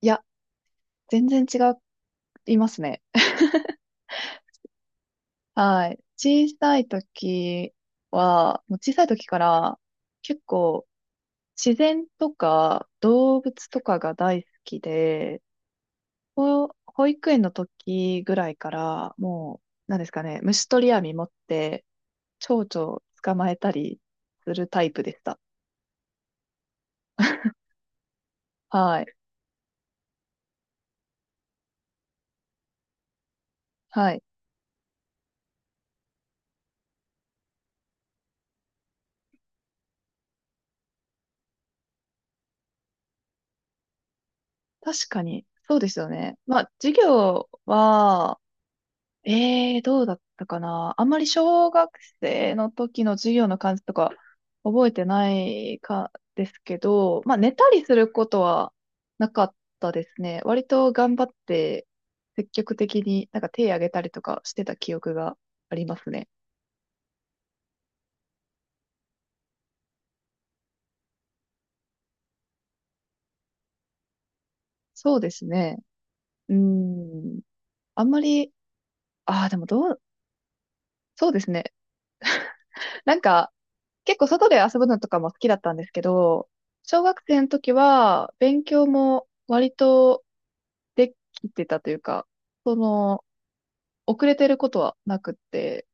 いや、全然違いますね。はい。小さい時は、もう小さい時から結構自然とか動物とかが大好きで、保育園の時ぐらいからもう、なんですかね、虫取り網持って蝶々捕まえたりするタイプでした。はい。はい。確かに、そうですよね。まあ、授業は、ええー、どうだったかな。あんまり小学生の時の授業の感じとか覚えてないかですけど、まあ寝たりすることはなかったですね。割と頑張って積極的になんか手挙げたりとかしてた記憶がありますね。そうですね。うーん。あんまり、ああ、でもどう、そうですね。なんか結構外で遊ぶのとかも好きだったんですけど、小学生の時は勉強も割とできてたというか、その、遅れてることはなくって、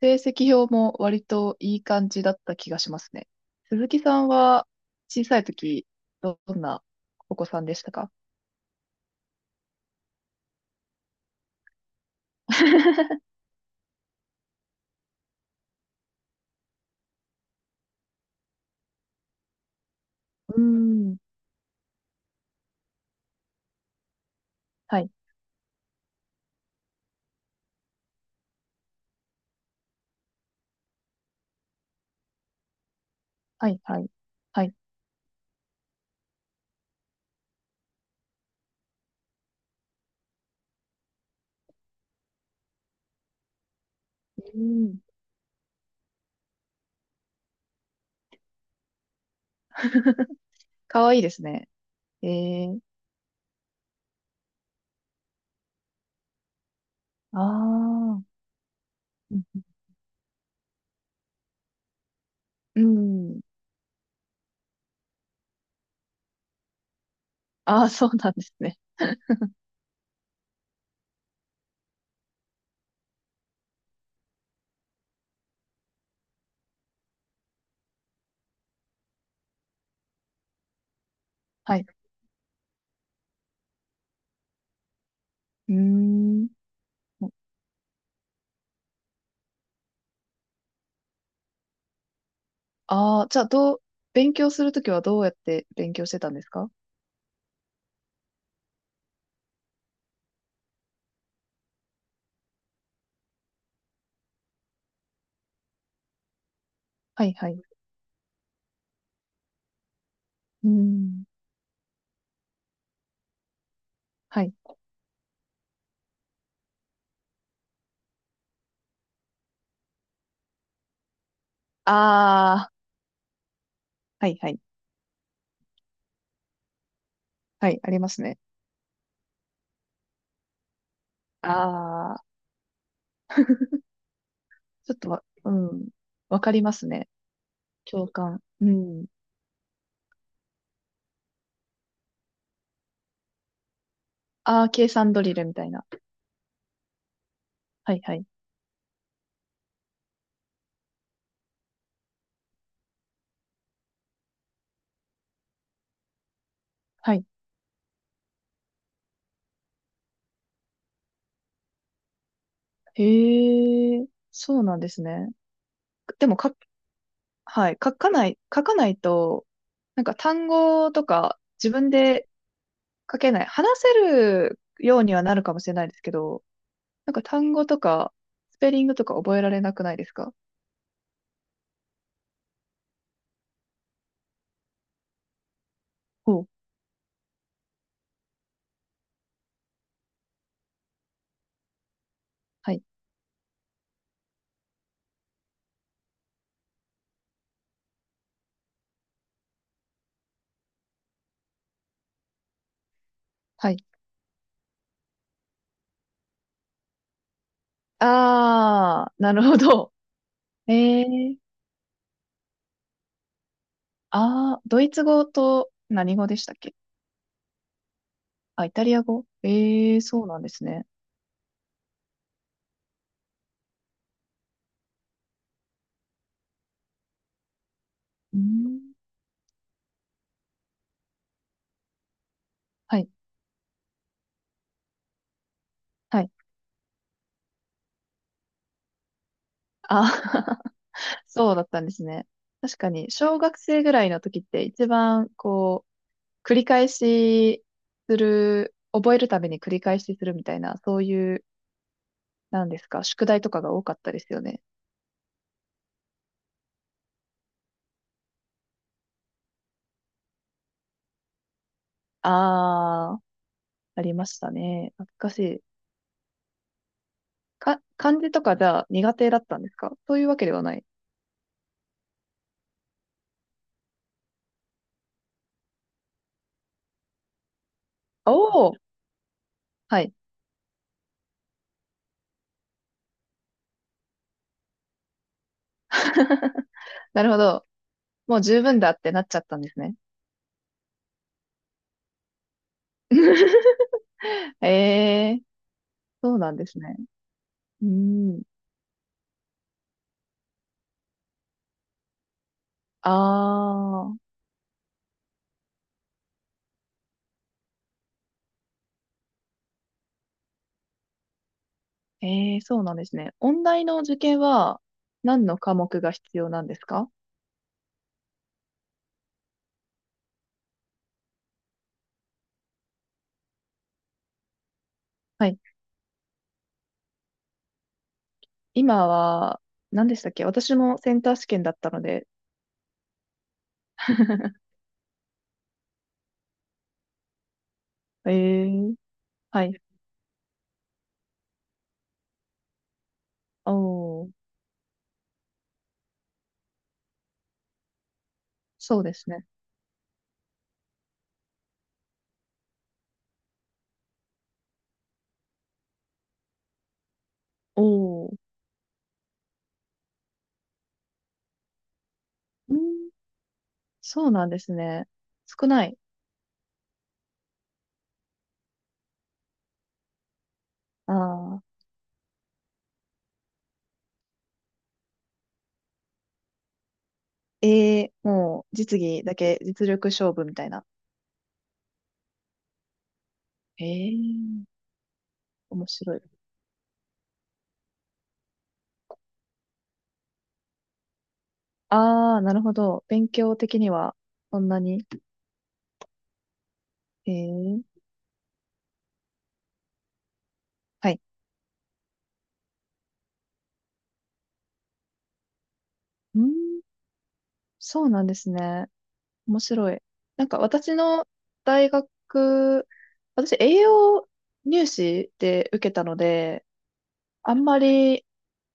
成績表も割といい感じだった気がしますね。鈴木さんは小さい時、どんなお子さんでしたか？うーん。はい、はい、はい、はい。うーん。かわいいですね。ええー、ああ、うん、うん、うん。ああ、そうなんですね。はい。うーん。ああ、じゃあ、どう、勉強するときはどうやって勉強してたんですか？はい、はい。うーん。はい。ああ、はいはい。はい、ありますね。ああ、ちょっとわ、うん。わかりますね。共感。うん。ああ、計算ドリルみたいな。はいはい。はい。へえ、そうなんですね。でも、か、はい。書かないと、なんか単語とか自分で書けない。話せるようにはなるかもしれないですけど、なんか単語とか、スペリングとか覚えられなくないですか？ほう。はい。はい。ああ、なるほど。ええ、ああー、ドイツ語と何語でしたっけ？あ、イタリア語、ええ、そうなんですね。うん。はい、はい。ああ、 そうだったんですね。確かに、小学生ぐらいの時って一番、こう、繰り返しする、覚えるために繰り返しするみたいな、そういう、なんですか、宿題とかが多かったですよね。ああ、ありましたね。懐かしい。か、漢字とかじゃあ苦手だったんですか？そういうわけではない。おお、はい。なるほど。もう十分だってなっちゃったんですね。ええ、そうなんですね。うん。ああ、ええ、そうなんですね。音大の受験は何の科目が必要なんですか？はい。今は、何でしたっけ？私もセンター試験だったので。ええ、はい。おー、そうですね。おー、うん、そうなんですね。少ない。ああ、ええ、もう実技だけ実力勝負みたいな。ええ、面白い。ああ、なるほど。勉強的には、そんなに。ええ、はい。うん、そうなんですね。面白い。なんか私の大学、私栄養入試で受けたので、あんまり、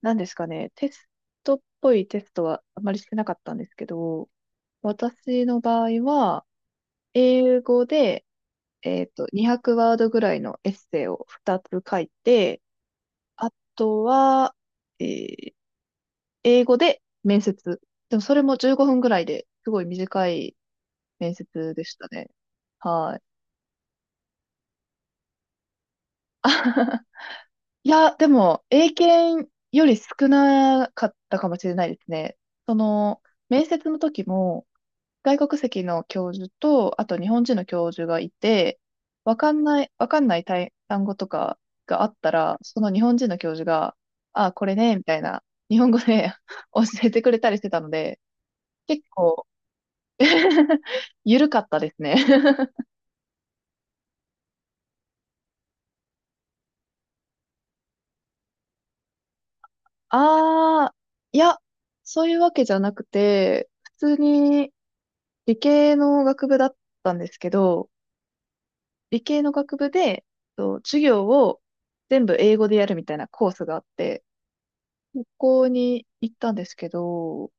なんですかね、テストっぽいテストはあんまりしてなかったんですけど、私の場合は、英語で、200ワードぐらいのエッセイを2つ書いて、あとは、えー英語で面接。でもそれも15分ぐらいで、すごい短い面接でしたね。はい。いや、でも、英検より少なかったかもしれないですね。その、面接の時も、外国籍の教授と、あと日本人の教授がいて、わかんない単語とかがあったら、その日本人の教授が、あ、これね、みたいな、日本語で 教えてくれたりしてたので、結構 ゆるかったですね。ああ、いや、そういうわけじゃなくて、普通に理系の学部だったんですけど、理系の学部で、と授業を全部英語でやるみたいなコースがあって、ここに行ったんですけど、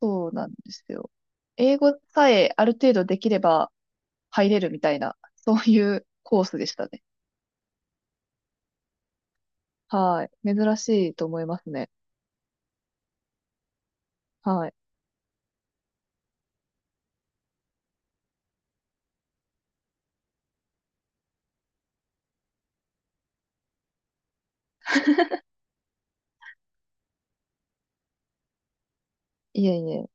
そうなんですよ。英語さえある程度できれば入れるみたいな、そういうコースでしたね。はい。珍しいと思いますね。はい。いえいえ。